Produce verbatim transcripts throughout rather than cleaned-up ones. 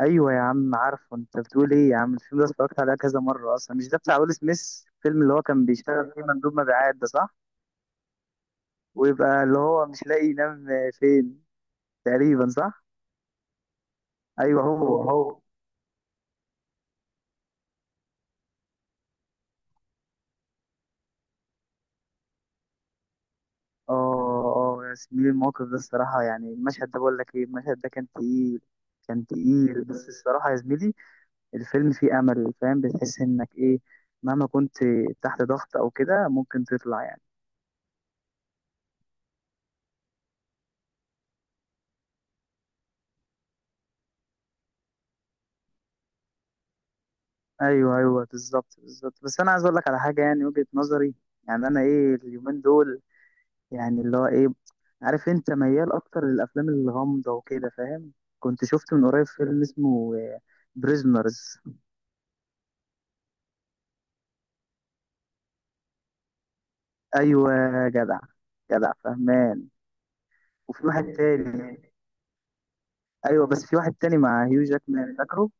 ايوه يا عم، عارفه انت بتقول ايه يا عم. الفيلم ده اتفرجت عليه كذا مره اصلا، مش ده بتاع ويل سميث الفيلم اللي هو كان بيشتغل فيه مندوب مبيعات ده؟ صح، ويبقى اللي هو مش لاقي ينام فين تقريبا، صح. ايوه هو هو. اه اه يا زميلي، الموقف ده الصراحه، يعني المشهد ده، بقول لك ايه، المشهد ده كان تقيل، كان تقيل. بس الصراحه يا زميلي، الفيلم فيه امل، فاهم؟ بتحس انك ايه، مهما كنت تحت ضغط او كده ممكن تطلع، يعني. ايوه ايوه، بالظبط بالظبط، بس انا عايز اقول لك على حاجه، يعني وجهه نظري. يعني انا ايه اليومين دول، يعني اللي هو ايه، عارف انت ميال اكتر للافلام الغامضه وكده فاهم. كنت شفت من قريب فيلم اسمه بريزنرز. ايوه، جدع، جدع فهمان. وفي واحد تاني. ايوه بس في واحد تاني مع هيو جاكمان، فاكره؟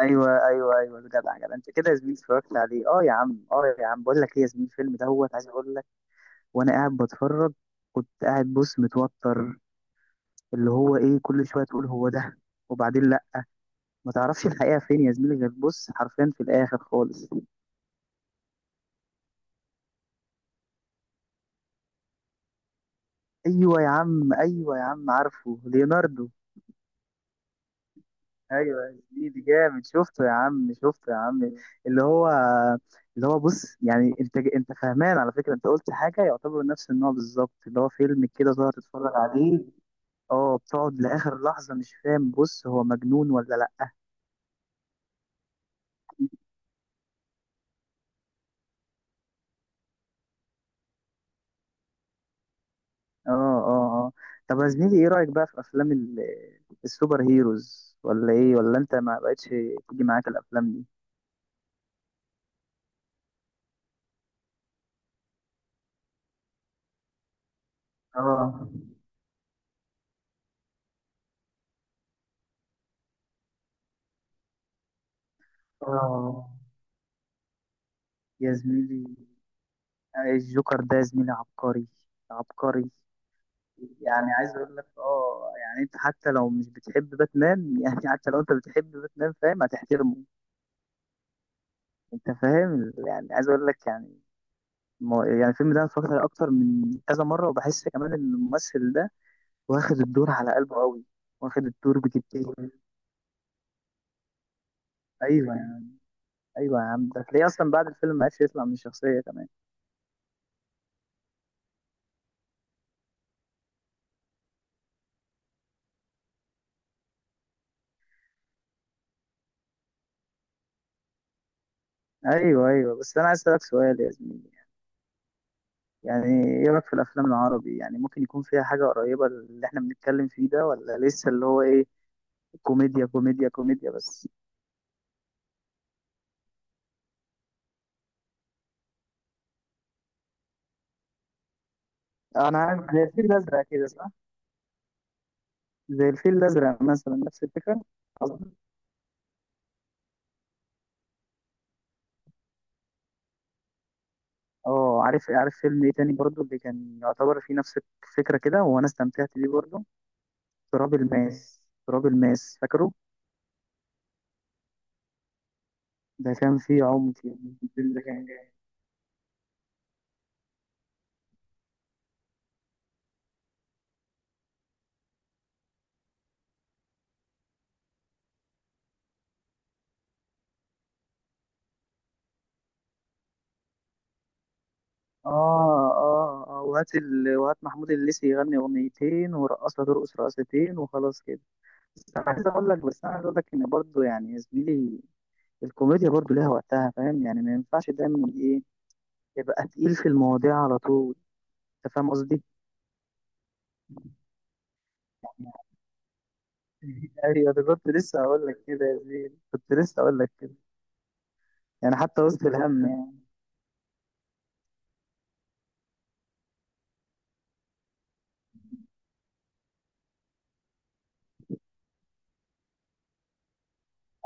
ايوه ايوه ايوه، جدع جدع انت كده يا زميلي، اتفرجت عليه. اه يا عم، اه يا عم، بقول لك ايه يا زميلي، الفيلم دوت، عايز اقول لك، وانا قاعد بتفرج، كنت قاعد بص متوتر، اللي هو ايه، كل شويه تقول هو ده، وبعدين لا. ما تعرفش الحقيقه فين يا زميلي، غير بص حرفيا في الاخر خالص. ايوه يا عم، ايوه يا عم، عارفه ليوناردو. ايوه يا زميلي جامد، شفته يا عم، شفته يا عم. اللي هو، اللي هو بص، يعني انت انت فهمان، على فكره انت قلت حاجه يعتبر نفس النوع بالظبط، اللي هو فيلم كده تقعد تتفرج عليه. اه، بتقعد لاخر لحظه مش فاهم، بص هو مجنون ولا لا. اه اه اه. طب يا زميلي، ايه رأيك بقى في افلام ال- السوبر هيروز، ولا ايه، ولا انت ما بقتش تيجي معاك الافلام دي؟ اه اه يا زميلي، الجوكر ده يا زميلي عبقري، عبقري. يعني عايز اقول لك، اه يعني انت حتى لو مش بتحب باتمان يعني حتى لو انت بتحب باتمان، فاهم، هتحترمه. انت فاهم، يعني عايز اقول لك، يعني ما- يعني الفيلم ده أنا اتفرجت عليه اكتر من كذا مره، وبحس كمان ان الممثل ده واخد الدور على قلبه قوي، واخد الدور بجديه. ايوه يا عم، ايوه يا عم، ده هتلاقيه اصلا بعد الفيلم ما عرفش يطلع من الشخصيه كمان. ايوه ايوه، بس انا عايز اسالك سؤال يا زميلي. يعني ايه رايك في الافلام العربي؟ يعني ممكن يكون فيها حاجه قريبه اللي احنا بنتكلم فيه ده، ولا لسه اللي هو ايه، كوميديا كوميديا كوميديا بس؟ انا عارف، زي الفيل الازرق كده، صح؟ زي الفيل الازرق مثلا نفس الفكره، قصدي. اه عارف عارف، فيلم ايه تاني برضو اللي كان يعتبر فيه نفس الفكره كده وانا استمتعت بيه برضو؟ تراب الماس، تراب الماس، فاكره؟ ده كان فيه عمق، يعني الفيلم ده كان جامد. اه اه اه، وهات ال... وهات محمود الليثي يغني اغنيتين، ورقصها ترقص رقصتين، وخلاص كده. بس انا عايز اقول لك، بس انا عايز اقول لك، ان برضه يعني يا زميلي، الكوميديا برضه ليها وقتها، فاهم؟ يعني ما ينفعش دايما ايه، يبقى تقيل في المواضيع على طول. انت فاهم قصدي؟ ايوه، ده كنت لسه هقول لك كده يا زميلي، كنت لسه هقول لك كده. يعني حتى وسط الهم، يعني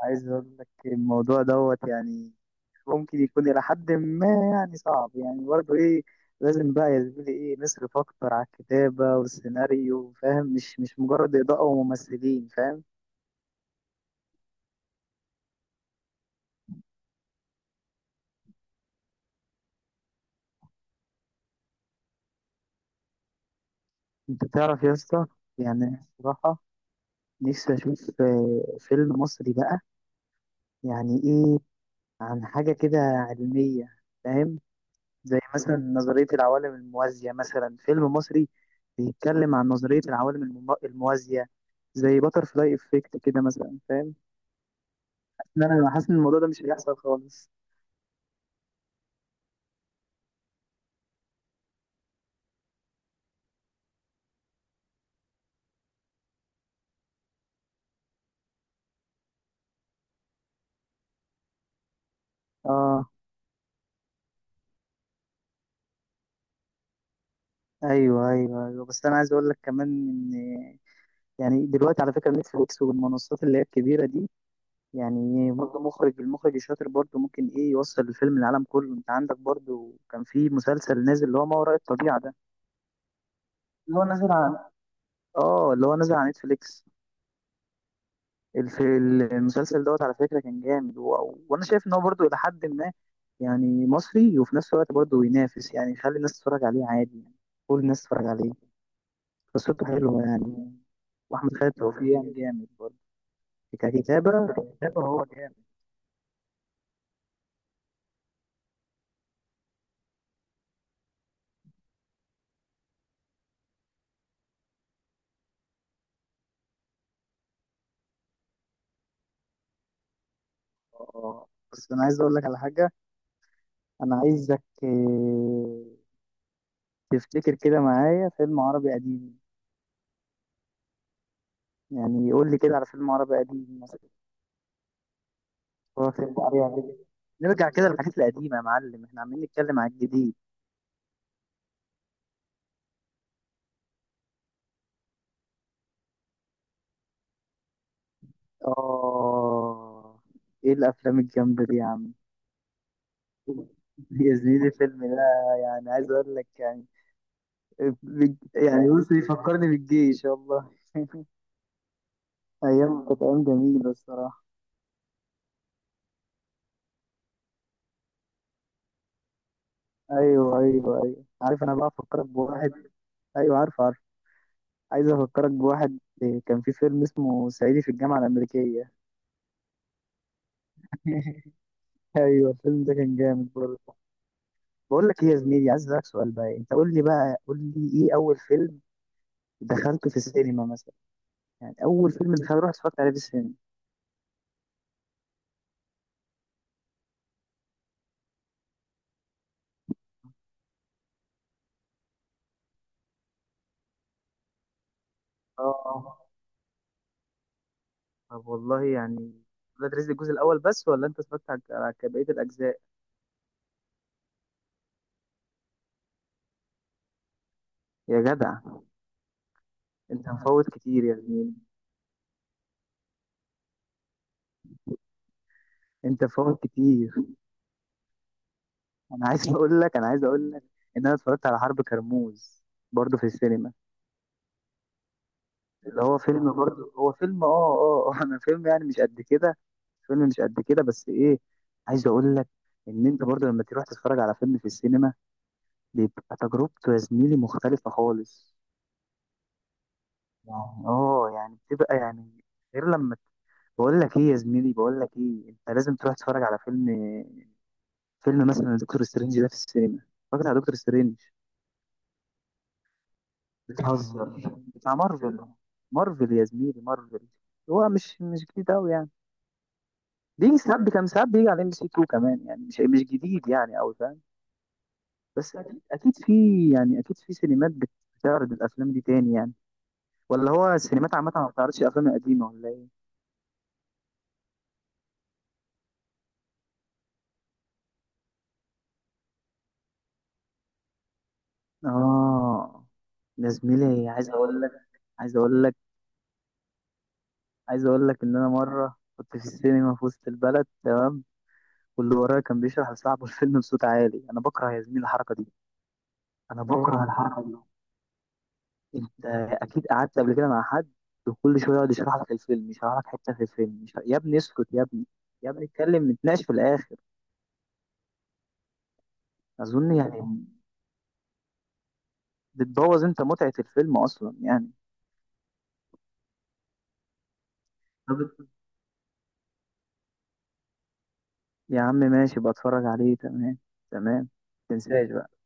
عايز اقول لك، الموضوع دوت يعني ممكن يكون إلى حد ما يعني صعب، يعني برضه إيه. لازم بقى يا زميلي إيه، نصرف أكتر على الكتابة والسيناريو، فاهم؟ مش مش مجرد إضاءة وممثلين، فاهم؟ أنت تعرف يا اسطى، يعني بصراحة، نفسي أشوف آه، فيلم مصري بقى. يعني إيه، عن حاجة كده علمية، فاهم؟ زي مثلا نظرية العوالم الموازية، مثلا فيلم مصري بيتكلم عن نظرية العوالم المو- الموازية، زي باترفلاي إفكت كده مثلا، فاهم؟ لا انا حاسس ان الموضوع ده مش هيحصل خالص. اه ايوه ايوه ايوه، بس انا عايز اقول لك كمان ان، يعني دلوقتي على فكره، نتفليكس والمنصات اللي هي الكبيره دي، يعني برضه مخرج، المخرج الشاطر برضه ممكن ايه، يوصل الفيلم للعالم كله. انت عندك برضه كان في مسلسل نازل، اللي هو ما وراء الطبيعه ده، اللي هو نازل على، اه اللي هو نازل على نتفليكس. الف... المسلسل دوت على فكره كان جامد، و... وانا شايف ان هو برضه الى حد ما يعني مصري، وفي نفس الوقت برضه ينافس، يعني يخلي الناس تتفرج عليه عادي يعني، كل الناس تتفرج عليه، قصته حلوة يعني. وأحمد خالد توفيق يعني جامد برضه، ككتابة، ككتابة هو جامد. اه، بس أنا عايز أقول لك على حاجة. أنا عايزك، آه، تفتكر كده معايا فيلم عربي قديم، يعني يقول لي كده على فيلم عربي قديم مثلا، هو فيلم عربي قديم. نرجع كده للحاجات القديمة يا معلم، احنا عمالين نتكلم على الجديد. آه إيه الأفلام الجامدة دي يا عم! يا زميلي الفيلم ده، يعني عايز أقول لك، يعني يعني بص، يفكرني بالجيش والله. ايام كانت ايام جميله الصراحه. ايوه ايوه ايوه، عارف انا بقى افكرك بواحد، ايوه عارف عارف. عايز افكرك بواحد، إيه، كان في فيلم اسمه صعيدي في الجامعه الامريكيه. ايوه الفيلم ده كان جامد برضه. بقول لك ايه يا زميلي، عايز اسالك سؤال بقى، انت قول لي بقى، قول لي ايه اول فيلم دخلته في السينما مثلا، يعني اول فيلم دخلته رحت اتفرجت عليه في السينما. اه طب والله، يعني ولاد رزق الجزء الاول بس، ولا انت اتفرجت على على بقيه الاجزاء؟ يا جدع انت مفوت كتير يا زميلي، انت فاهم كتير. انا عايز اقول لك، انا عايز اقول لك ان انا اتفرجت على حرب كرموز برضه في السينما، اللي هو فيلم برضه، هو فيلم اه اه آه، انا فيلم يعني مش قد كده، فيلم مش قد كده، بس ايه، عايز اقول لك ان انت برضه لما تروح تتفرج على فيلم في السينما، بيبقى تجربته يا زميلي مختلفة خالص. يعني اه يعني بتبقى يعني غير لما، بقول لك ايه يا زميلي، بقول لك ايه، انت لازم تروح تتفرج على فيلم، فيلم مثلا دكتور سترينج ده في السينما. اتفرجت على دكتور سترينج؟ بتهزر، بتاع مارفل، مارفل يا زميلي، مارفل. هو مش مش جديد قوي يعني، بيجي ساعات، كان ساعات بيجي على ام بي سي اتنين كمان، يعني مش مش جديد يعني قوي، فاهم؟ بس اكيد اكيد في، يعني اكيد في سينمات بت- بتعرض الافلام دي تاني يعني، ولا هو السينمات عامه ما بتعرضش الافلام القديمه ولا ايه؟ اه يا زميلي عايز اقول لك، عايز اقول لك، عايز اقول لك ان انا مره كنت في السينما في وسط البلد، تمام؟ واللي ورايا كان بيشرح لصاحبه الفيلم بصوت عالي، انا بكره يا زميلي الحركه دي، انا بكره الحركه دي. انت اكيد قعدت قبل كده مع حد وكل شويه يقعد يشرح لك الفيلم، يشرح لك حته في الفيلم، مش... يا ابني اسكت يا ابني، يا ابني اتكلم نتناقش في الاخر. اظن يعني بتبوظ انت متعه الفيلم اصلا يعني. طب يا عم ماشي، بتفرج عليه تمام، تمام، تنساش بقى.